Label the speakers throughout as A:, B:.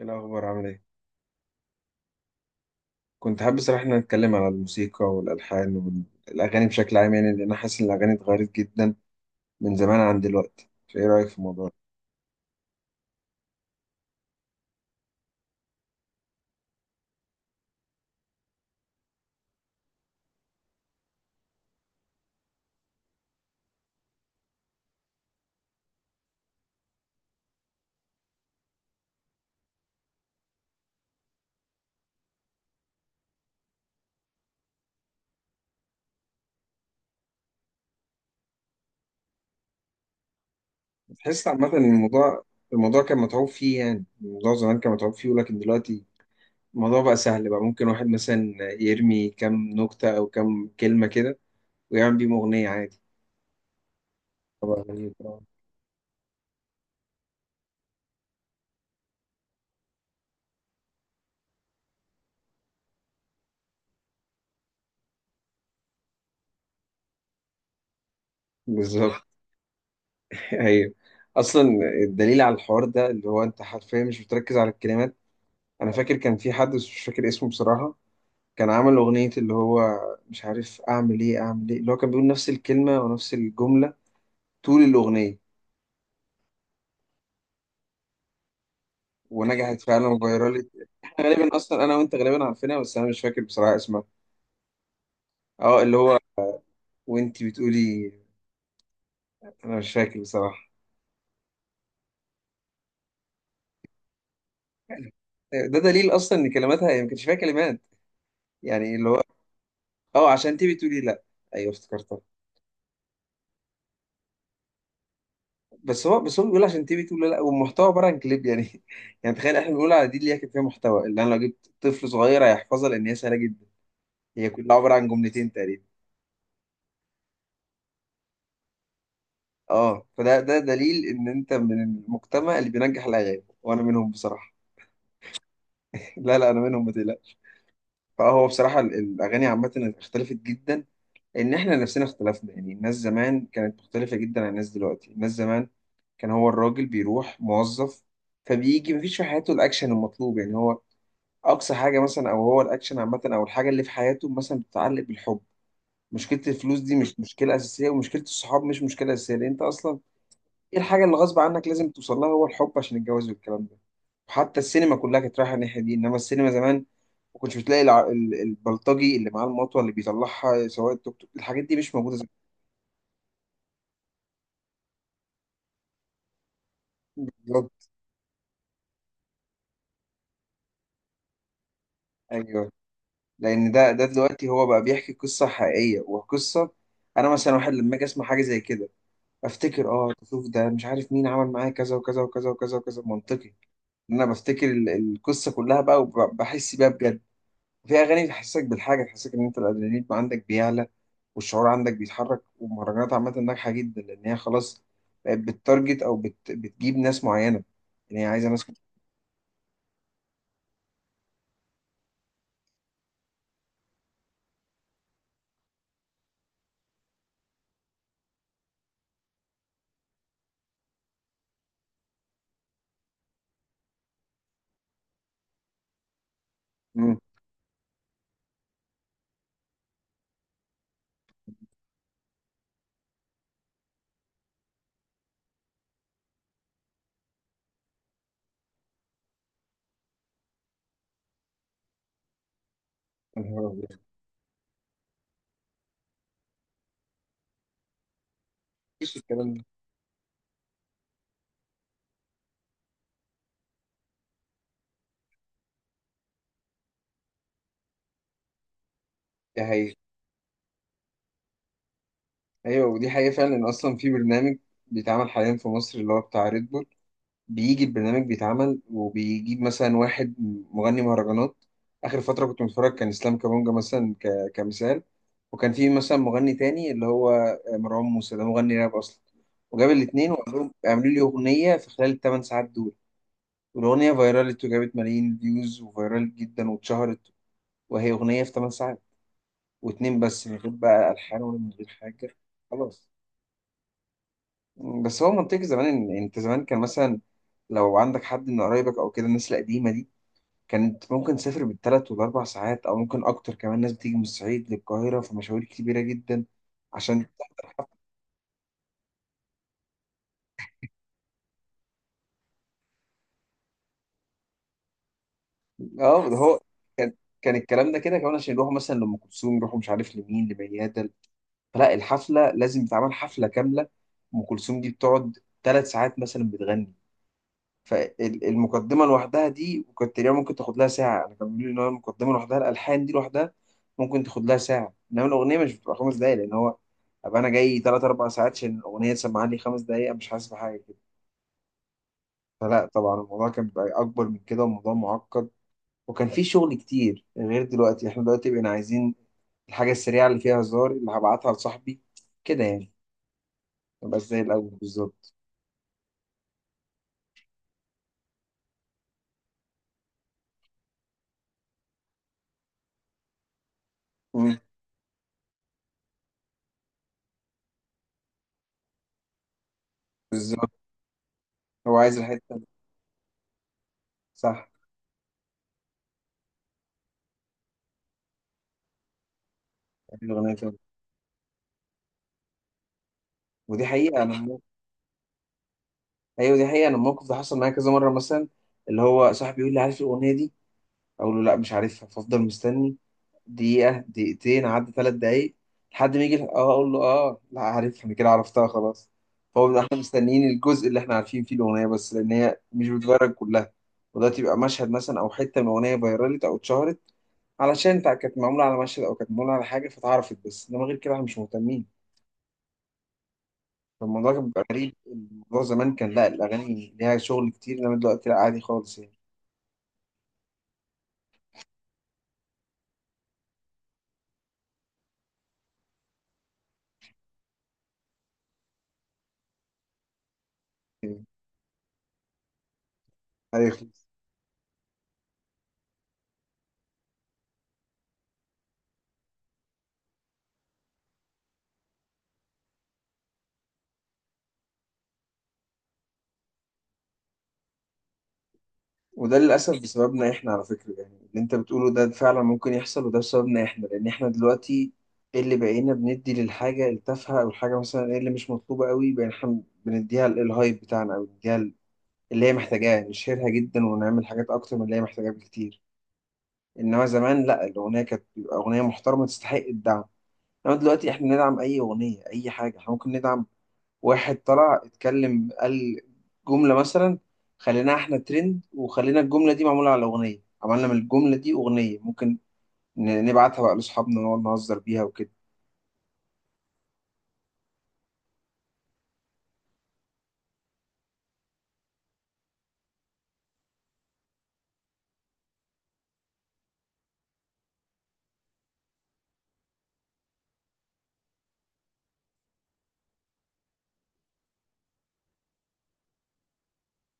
A: ايه الاخبار؟ عامل ايه؟ كنت حابب صراحه ان نتكلم على الموسيقى والالحان والاغاني بشكل عام، يعني لان انا حاسس ان الاغاني اتغيرت جدا من زمان عن دلوقتي، فايه رايك في الموضوع؟ ده تحس عامه ان الموضوع كان متعوب فيه، يعني الموضوع زمان كان متعوب فيه ولكن دلوقتي الموضوع بقى سهل، بقى ممكن واحد مثلا يرمي كام نكته او كام كلمه كده ويعمل بيهم اغنيه عادي. طبعا غريب. آه. بالظبط. ايوه اصلا الدليل على الحوار ده اللي هو انت حرفيا مش بتركز على الكلمات. انا فاكر كان في حد بس مش فاكر اسمه بصراحه، كان عمل أغنية اللي هو مش عارف أعمل إيه أعمل إيه، اللي هو كان بيقول نفس الكلمة ونفس الجملة طول الأغنية، ونجحت فعلا وفايرال لي. إحنا غالبا أصلا أنا وأنت غالبا عارفينها بس أنا مش فاكر بصراحة اسمها. أه اللي هو، وأنت بتقولي أنا مش فاكر بصراحة. ده دليل أصلا إن كلماتها، هي ما كانش فيها كلمات يعني اللي هو أه، عشان أنت بتقولي لأ. أيوه افتكرتها. بس هو بيقول عشان أنت بتقولي لأ، والمحتوى عبارة عن كليب يعني. يعني تخيل إحنا بنقول على دي اللي هي كانت فيها محتوى، اللي أنا لو جبت طفل صغير هيحفظها لأن هي سهلة جدا. هي كلها عبارة عن جملتين تقريبا. اه فده دليل ان انت من المجتمع اللي بينجح الاغاني، وانا منهم بصراحه. لا لا انا منهم ما تقلقش. فهو بصراحه الاغاني عامه اختلفت جدا. ان احنا نفسنا اختلفنا، يعني الناس زمان كانت مختلفه جدا عن الناس دلوقتي. الناس زمان كان هو الراجل بيروح موظف، فبيجي مفيش في حياته الاكشن المطلوب، يعني هو اقصى حاجه مثلا، او هو الاكشن عامه او الحاجه اللي في حياته مثلا بتتعلق بالحب. مشكله الفلوس دي مش مشكله اساسيه، ومشكله الصحاب مش مشكله اساسيه، لان انت اصلا ايه الحاجة اللي غصب عنك لازم توصل لها؟ هو الحب عشان الجواز والكلام ده. وحتى السينما كلها كانت رايحة الناحية دي، انما السينما زمان ما كنتش بتلاقي البلطجي اللي معاه المطوة اللي بيطلعها سواق التوك توك. الحاجات دي مش موجودة زمان. بالظبط. ايوه لان ده دلوقتي هو بقى بيحكي قصة حقيقية وقصة. انا مثلا واحد لما اجي اسمع حاجة زي كده افتكر، اه شوف ده، مش عارف مين عمل معايا كذا وكذا وكذا وكذا وكذا، منطقي. ان انا بفتكر القصة كلها بقى وبحس بيها بجد. في اغاني تحسسك بالحاجه، تحسسك ان انت الادرينالين عندك بيعلى والشعور عندك بيتحرك. والمهرجانات عامه ناجحه جدا، لان هي خلاص بقت بتتارجت او بتجيب ناس معينه. يعني هي عايزه ناس. امم يا نهار أبيض. مفيش الكلام ده. دي حقيقه. ايوه ودي حقيقه فعلا، ان اصلا في برنامج بيتعمل حاليا في مصر، اللي هو بتاع ريد بول، بيجي البرنامج بيتعمل وبيجيب مثلا واحد مغني مهرجانات. آخر فترة كنت متفرج كان إسلام كابونجا مثلا، كمثال. وكان في مثلا مغني تاني اللي هو مروان موسى، ده مغني راب أصلا. وجاب الاتنين وقال لهم اعملوا لي أغنية في خلال الثمان ساعات دول. والأغنية فيرالت وجابت ملايين فيوز وفيرالت جدا واتشهرت، وهي أغنية في ثمان ساعات، واتنين بس، من غير بقى ألحان ولا من غير حاجة خلاص. بس هو منطقي زمان، إن أنت زمان كان مثلا لو عندك حد من قرايبك أو كده، الناس القديمة دي كانت ممكن تسافر بالثلاث والاربع ساعات، او ممكن اكتر كمان، ناس بتيجي من الصعيد للقاهره في مشاوير كبيره جدا. عشان اه ده هو، كان كان الكلام ده كده كمان عشان يروحوا مثلا لام كلثوم، يروحوا مش عارف لمين، لميادة. فلا الحفله لازم تتعمل حفله كامله. ام كلثوم دي بتقعد ثلاث ساعات مثلا بتغني. فالمقدمه لوحدها دي كنت تقريبا ممكن تاخد لها ساعه، انا كان بيقولوا لي ان هو المقدمه لوحدها، الالحان دي لوحدها ممكن تاخد لها ساعه، انما الاغنيه مش بتبقى خمس دقايق، لان هو ابقى انا جاي ثلاث اربع ساعات عشان الاغنيه تسمعني لي خمس دقايق مش حاسس بحاجه كده. فلا طبعا الموضوع كان بيبقى اكبر من كده، والموضوع معقد وكان في شغل كتير غير دلوقتي. احنا دلوقتي بقينا عايزين الحاجه السريعه اللي فيها هزار، اللي هبعتها لصاحبي كده يعني. مبقاش زي الاول بالظبط. مم، بالظبط. هو عايز الحته دي. صح. يعني الاغنيه دي. ودي حقيقه انا. ايوه دي حقيقه، انا الموقف ده حصل معايا كذا مره مثلا، اللي هو صاحبي يقول لي عارف الاغنيه دي، اقول له لا مش عارفها، فافضل مستني دقيقه دقيقتين، عدى ثلاث دقايق، لحد ما يجي اه اقول له اه لا عارفها انا، كده عرفتها خلاص. فهو بيبقى احنا مستنيين الجزء اللي احنا عارفين فيه الاغنيه بس، لان هي مش بتتغير كلها. ودلوقتي يبقى مشهد مثلا او حته من الاغنيه فيرالت او اتشهرت، علشان كانت معموله على مشهد او كانت معموله على حاجه فتعرفت بس، انما غير كده احنا مش مهتمين. فالموضوع كان بيبقى غريب. الموضوع زمان كان لا، الأغاني ليها شغل كتير، إنما دلوقتي لا عادي خالص يعني. هيخلص. وده للأسف بسببنا إحنا، على فكرة، يعني اللي أنت بتقوله ده فعلا ممكن يحصل، وده بسببنا إحنا لأن إحنا دلوقتي إيه اللي بقينا بندي للحاجة التافهة، أو الحاجة مثلا إيه اللي مش مطلوبة قوي بقينا إحنا بنديها الهايب بتاعنا، أو بنديها اللي هي محتاجاه، نشهرها جدا ونعمل حاجات أكتر من اللي هي محتاجاه بكتير. إنما زمان لا، الأغنية كانت بتبقى أغنية محترمة تستحق الدعم، إنما دلوقتي إحنا ندعم أي أغنية، أي حاجة إحنا ممكن ندعم. واحد طلع اتكلم قال جملة مثلا، خليناها احنا ترند وخلينا الجملة دي معمولة على أغنية، عملنا من الجملة دي أغنية ممكن نبعتها بقى لأصحابنا ونقعد نهزر بيها وكده.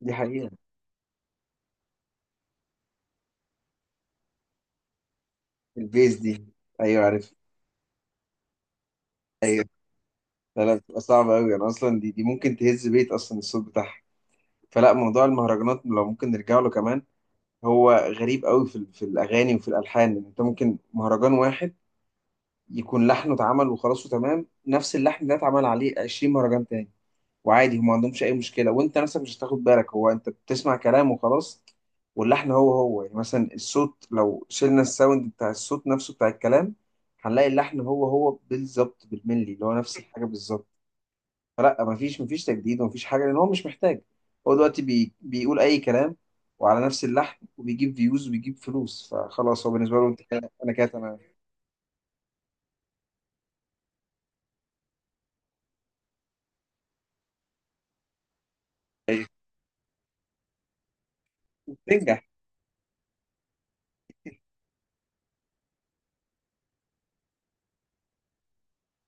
A: دي حقيقة. البيز دي. أيوة عارف. أيوة. لا لا بتبقى صعبة أوي، أنا أصلا دي ممكن تهز بيت أصلا الصوت بتاعها. فلا موضوع المهرجانات لو ممكن نرجع له كمان، هو غريب أوي في الأغاني وفي الألحان، إن أنت ممكن مهرجان واحد يكون لحنه اتعمل وخلاص وتمام، نفس اللحن ده اتعمل عليه 20 مهرجان تاني وعادي، هم ما عندهمش اي مشكله، وانت نفسك مش هتاخد بالك هو انت بتسمع كلام وخلاص. واللحن هو هو، يعني مثلا الصوت لو شلنا الساوند بتاع الصوت نفسه بتاع الكلام، هنلاقي اللحن هو هو بالظبط بالملي، اللي هو نفس الحاجه بالظبط. فلا مفيش تجديد ومفيش حاجه، لان هو مش محتاج. هو دلوقتي بيقول اي كلام وعلى نفس اللحن، وبيجيب فيوز وبيجيب فلوس، فخلاص هو بالنسبه له انت كده انا كده تمام. بتنجح.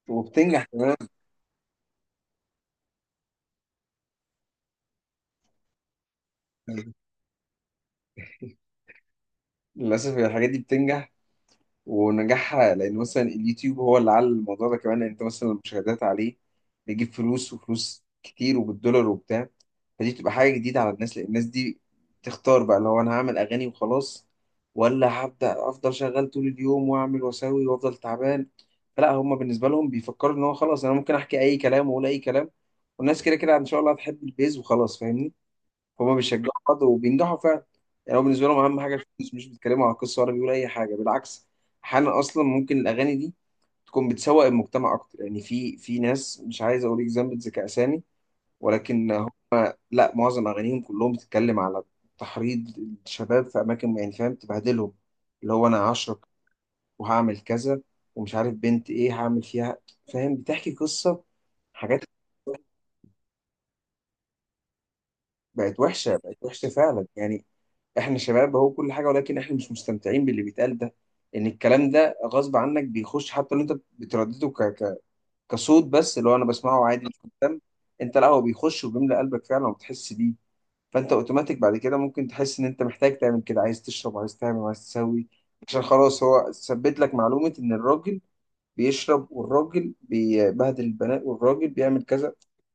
A: وبتنجح كمان. للاسف الحاجات دي بتنجح، ونجاحها لان مثلا اليوتيوب هو اللي على الموضوع ده كمان، لأن انت مثلا المشاهدات عليه بيجيب فلوس، وفلوس كتير وبالدولار وبتاع. فدي بتبقى حاجه جديده على الناس، لان الناس دي تختار بقى، لو انا هعمل اغاني وخلاص، ولا هبدا افضل شغال طول اليوم واعمل واسوي وافضل تعبان. فلا هم بالنسبه لهم بيفكروا ان هو خلاص انا ممكن احكي اي كلام واقول اي كلام، والناس كده كده ان شاء الله هتحب البيز وخلاص، فاهمني. هما بيشجعوا بعض وبينجحوا فعلا. يعني هو بالنسبة لهم أهم حاجة الفلوس، مش بيتكلموا على القصة ولا بيقولوا أي حاجة، بالعكس. أحيانا أصلا ممكن الأغاني دي تكون بتسوق المجتمع أكتر، يعني في ناس، مش عايز أقول إكزامبل ذكاء أسامي، ولكن هو- لا معظم أغانيهم كلهم بتتكلم على تحريض الشباب في أماكن، يعني فاهم تبهدلهم، اللي هو أنا هشرب وهعمل كذا ومش عارف بنت إيه هعمل فيها، فاهم، بتحكي قصة حاجات. بقت وحشة، بقت وحشة فعلا يعني، احنا شباب هو كل حاجة، ولكن احنا مش مستمتعين باللي بيتقال ده. ان الكلام ده غصب عنك بيخش، حتى لو انت بتردده كصوت بس، اللي هو انا بسمعه عادي مش مهتم. انت لا هو بيخش وبيملى قلبك فعلا وبتحس بيه. فانت اوتوماتيك بعد كده ممكن تحس ان انت محتاج تعمل كده، عايز تشرب عايز تعمل عايز تسوي، عشان خلاص هو ثبت لك معلومة ان الراجل بيشرب والراجل بيبهدل البنات والراجل بيعمل كذا.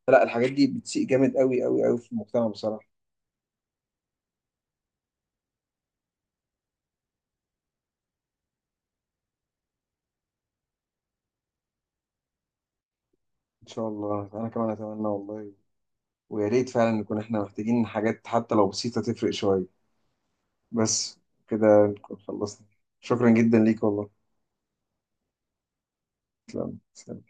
A: لا الحاجات دي بتسيء جامد، قوي قوي قوي، في المجتمع بصراحة. ان شاء الله، انا كمان اتمنى والله، ويا ريت فعلا نكون، احنا محتاجين حاجات حتى لو بسيطة تفرق شوية بس كده نكون خلصنا. شكرا جدا ليك والله. تسلم تسلم.